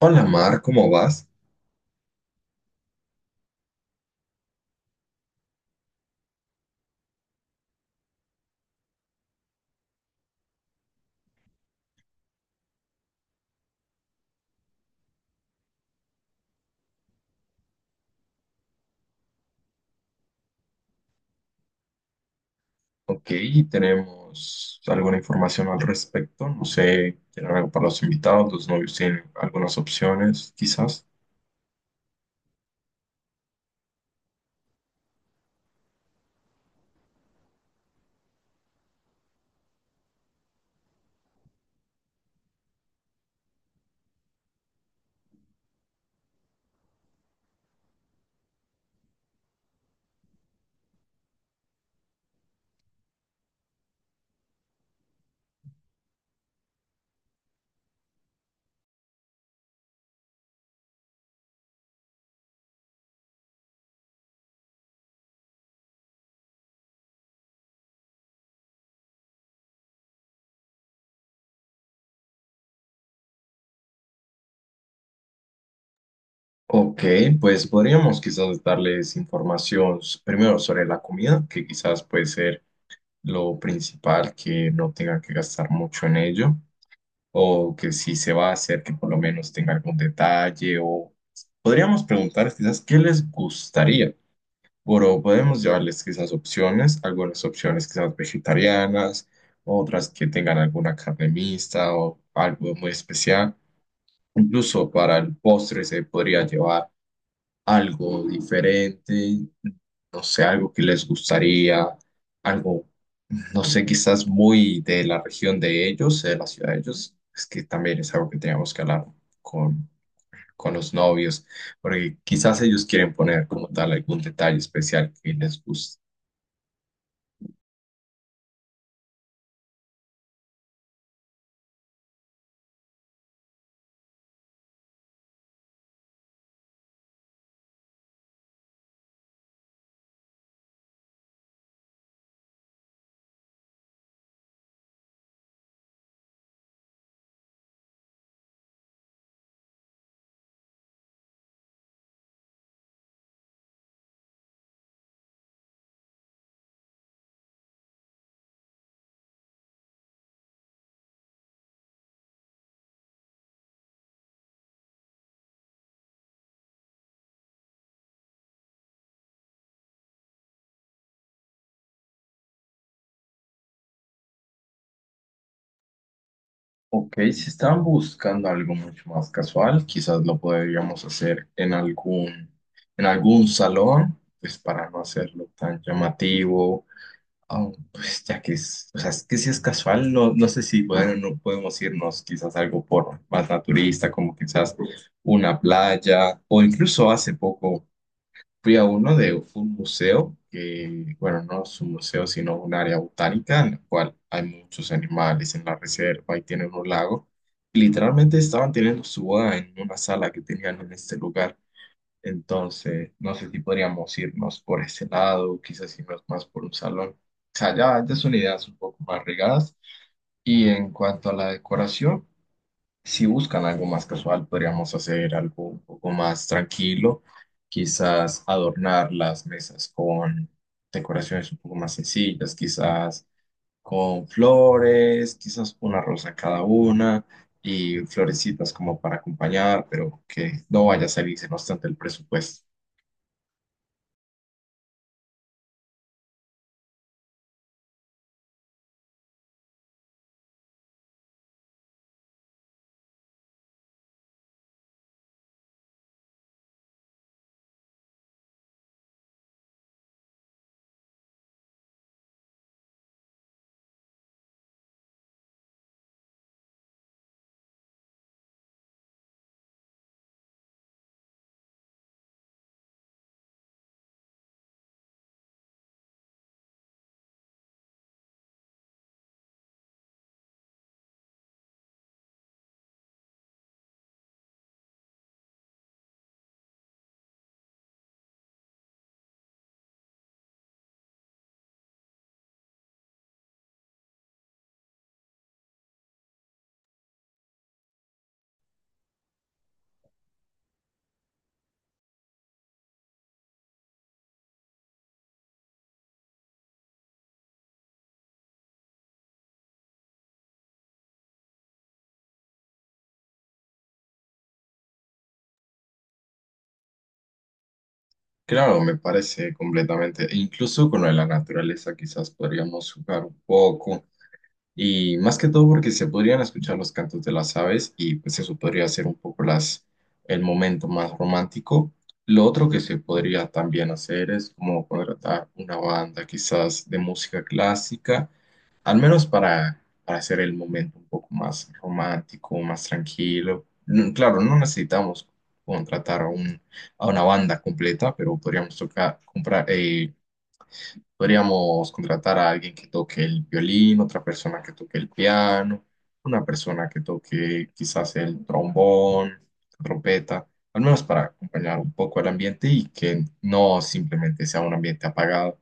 Hola Mar, ¿cómo vas? Ok, ¿tenemos alguna información al respecto? No sé, ¿tienen algo para los invitados? ¿Los novios tienen algunas opciones, quizás? Ok, pues podríamos quizás darles información primero sobre la comida, que quizás puede ser lo principal, que no tengan que gastar mucho en ello, o que si se va a hacer, que por lo menos tenga algún detalle, o podríamos preguntar quizás qué les gustaría. Pero podemos llevarles quizás opciones, algunas opciones quizás vegetarianas, otras que tengan alguna carne mixta o algo muy especial. Incluso para el postre se podría llevar algo diferente, no sé, algo que les gustaría, algo, no sé, quizás muy de la región de ellos, de la ciudad de ellos. Es que también es algo que teníamos que hablar con, con los novios, porque quizás ellos quieren poner como tal algún detalle especial que les guste. Ok, si estaban buscando algo mucho más casual, quizás lo podríamos hacer en algún salón, pues para no hacerlo tan llamativo. Ah, pues ya que es, o sea, es que si es casual, no, no sé si bueno, no podemos irnos quizás algo por más naturista, como quizás una playa, o incluso hace poco. Fui a uno de fue un museo, que, bueno, no es un museo, sino un área botánica en la cual hay muchos animales en la reserva y tienen un lago. Y literalmente estaban teniendo su boda en una sala que tenían en este lugar. Entonces, no sé si podríamos irnos por ese lado, quizás irnos más por un salón. O sea, ya, ya son ideas un poco más regadas. Y en cuanto a la decoración, si buscan algo más casual, podríamos hacer algo un poco más tranquilo, quizás adornar las mesas con decoraciones un poco más sencillas, quizás con flores, quizás una rosa cada una y florecitas como para acompañar, pero que no vaya a salirse no obstante el presupuesto. Claro, me parece completamente, e incluso con lo de la naturaleza, quizás podríamos jugar un poco. Y más que todo porque se podrían escuchar los cantos de las aves y pues eso podría ser un poco las, el momento más romántico. Lo otro que se podría también hacer es como contratar una banda quizás de música clásica, al menos para hacer el momento un poco más romántico, más tranquilo. Mm, claro, no necesitamos contratar a, un, a una banda completa, pero podríamos tocar, comprar, podríamos contratar a alguien que toque el violín, otra persona que toque el piano, una persona que toque quizás el trombón, trompeta, al menos para acompañar un poco el ambiente y que no simplemente sea un ambiente apagado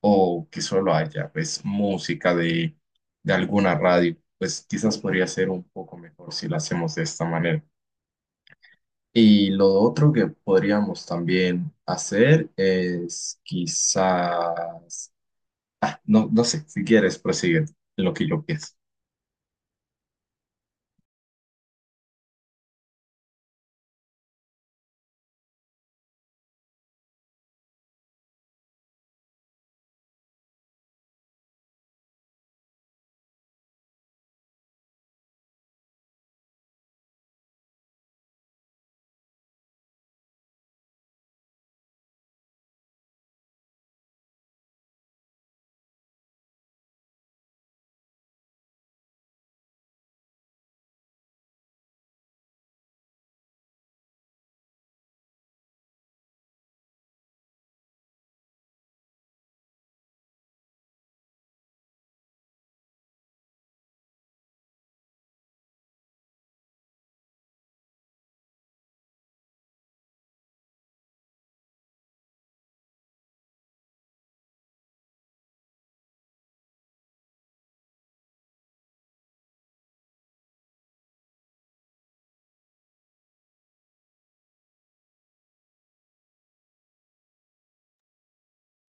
o que solo haya pues música de alguna radio. Pues quizás podría ser un poco mejor si lo hacemos de esta manera. Y lo otro que podríamos también hacer es quizás. Ah, no, no sé, si quieres, prosigue en lo que yo pienso.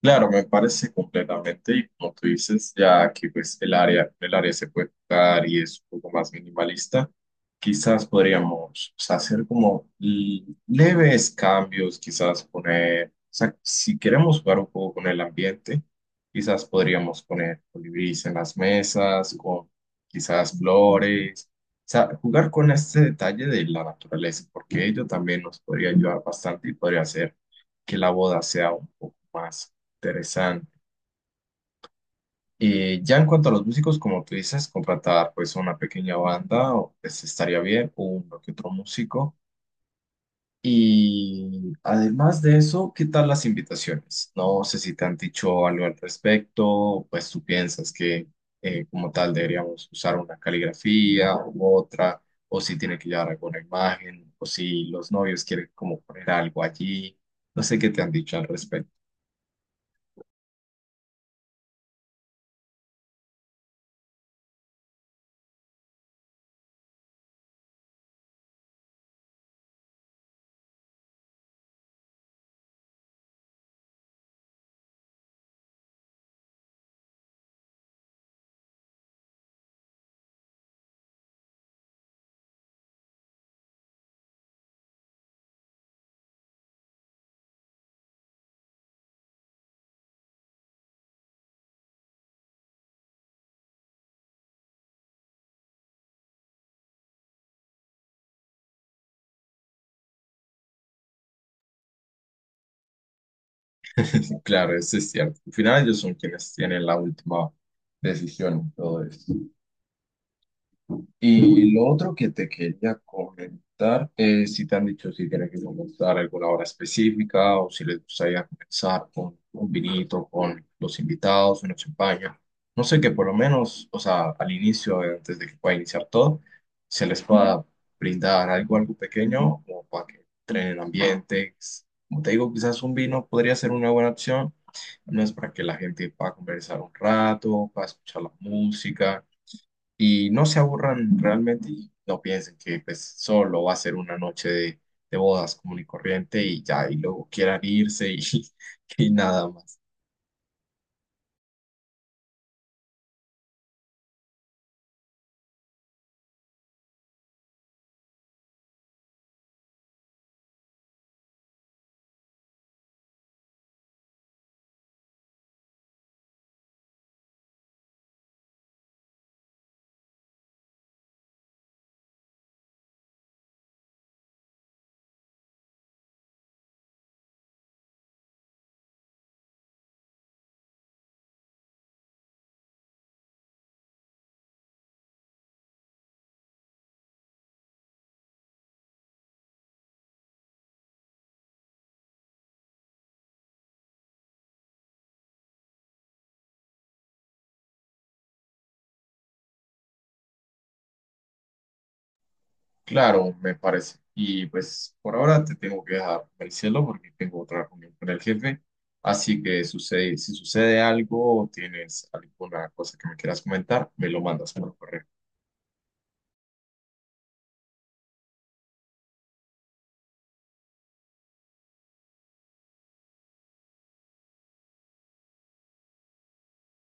Claro, me parece completamente, y como tú dices, ya que pues el área se puede tocar y es un poco más minimalista, quizás podríamos o sea, hacer como leves cambios, quizás poner, o sea, si queremos jugar un poco con el ambiente, quizás podríamos poner colibríes en las mesas, con quizás flores, o sea, jugar con este detalle de la naturaleza, porque ello también nos podría ayudar bastante y podría hacer que la boda sea un poco más interesante. Y ya en cuanto a los músicos, como tú dices, contratar pues una pequeña banda o, pues, estaría bien, uno que otro músico. Y además de eso, ¿qué tal las invitaciones? No sé si te han dicho algo al respecto, pues tú piensas que como tal deberíamos usar una caligrafía u otra, o si tiene que llevar alguna imagen, o si los novios quieren como poner algo allí. No sé qué te han dicho al respecto. Claro, eso es cierto. Al final ellos son quienes tienen la última decisión en todo esto. Y lo otro que te quería comentar es si te han dicho si tienen que comenzar alguna hora específica o si les gustaría comenzar con un vinito, con los invitados, una champaña. No sé que por lo menos, o sea, al inicio, antes de que pueda iniciar todo, se les pueda brindar algo, algo pequeño o para que entren en ambiente. Como te digo, quizás un vino podría ser una buena opción, no es para que la gente pueda conversar un rato, pueda escuchar la música y no se aburran realmente y no piensen que pues solo va a ser una noche de bodas común y corriente y ya, y luego quieran irse y, y nada más. Claro, me parece. Y pues por ahora te tengo que dejar, cielo porque tengo otra reunión con el jefe. Así que sucede, si sucede algo o tienes alguna cosa que me quieras comentar, me lo mandas por correo.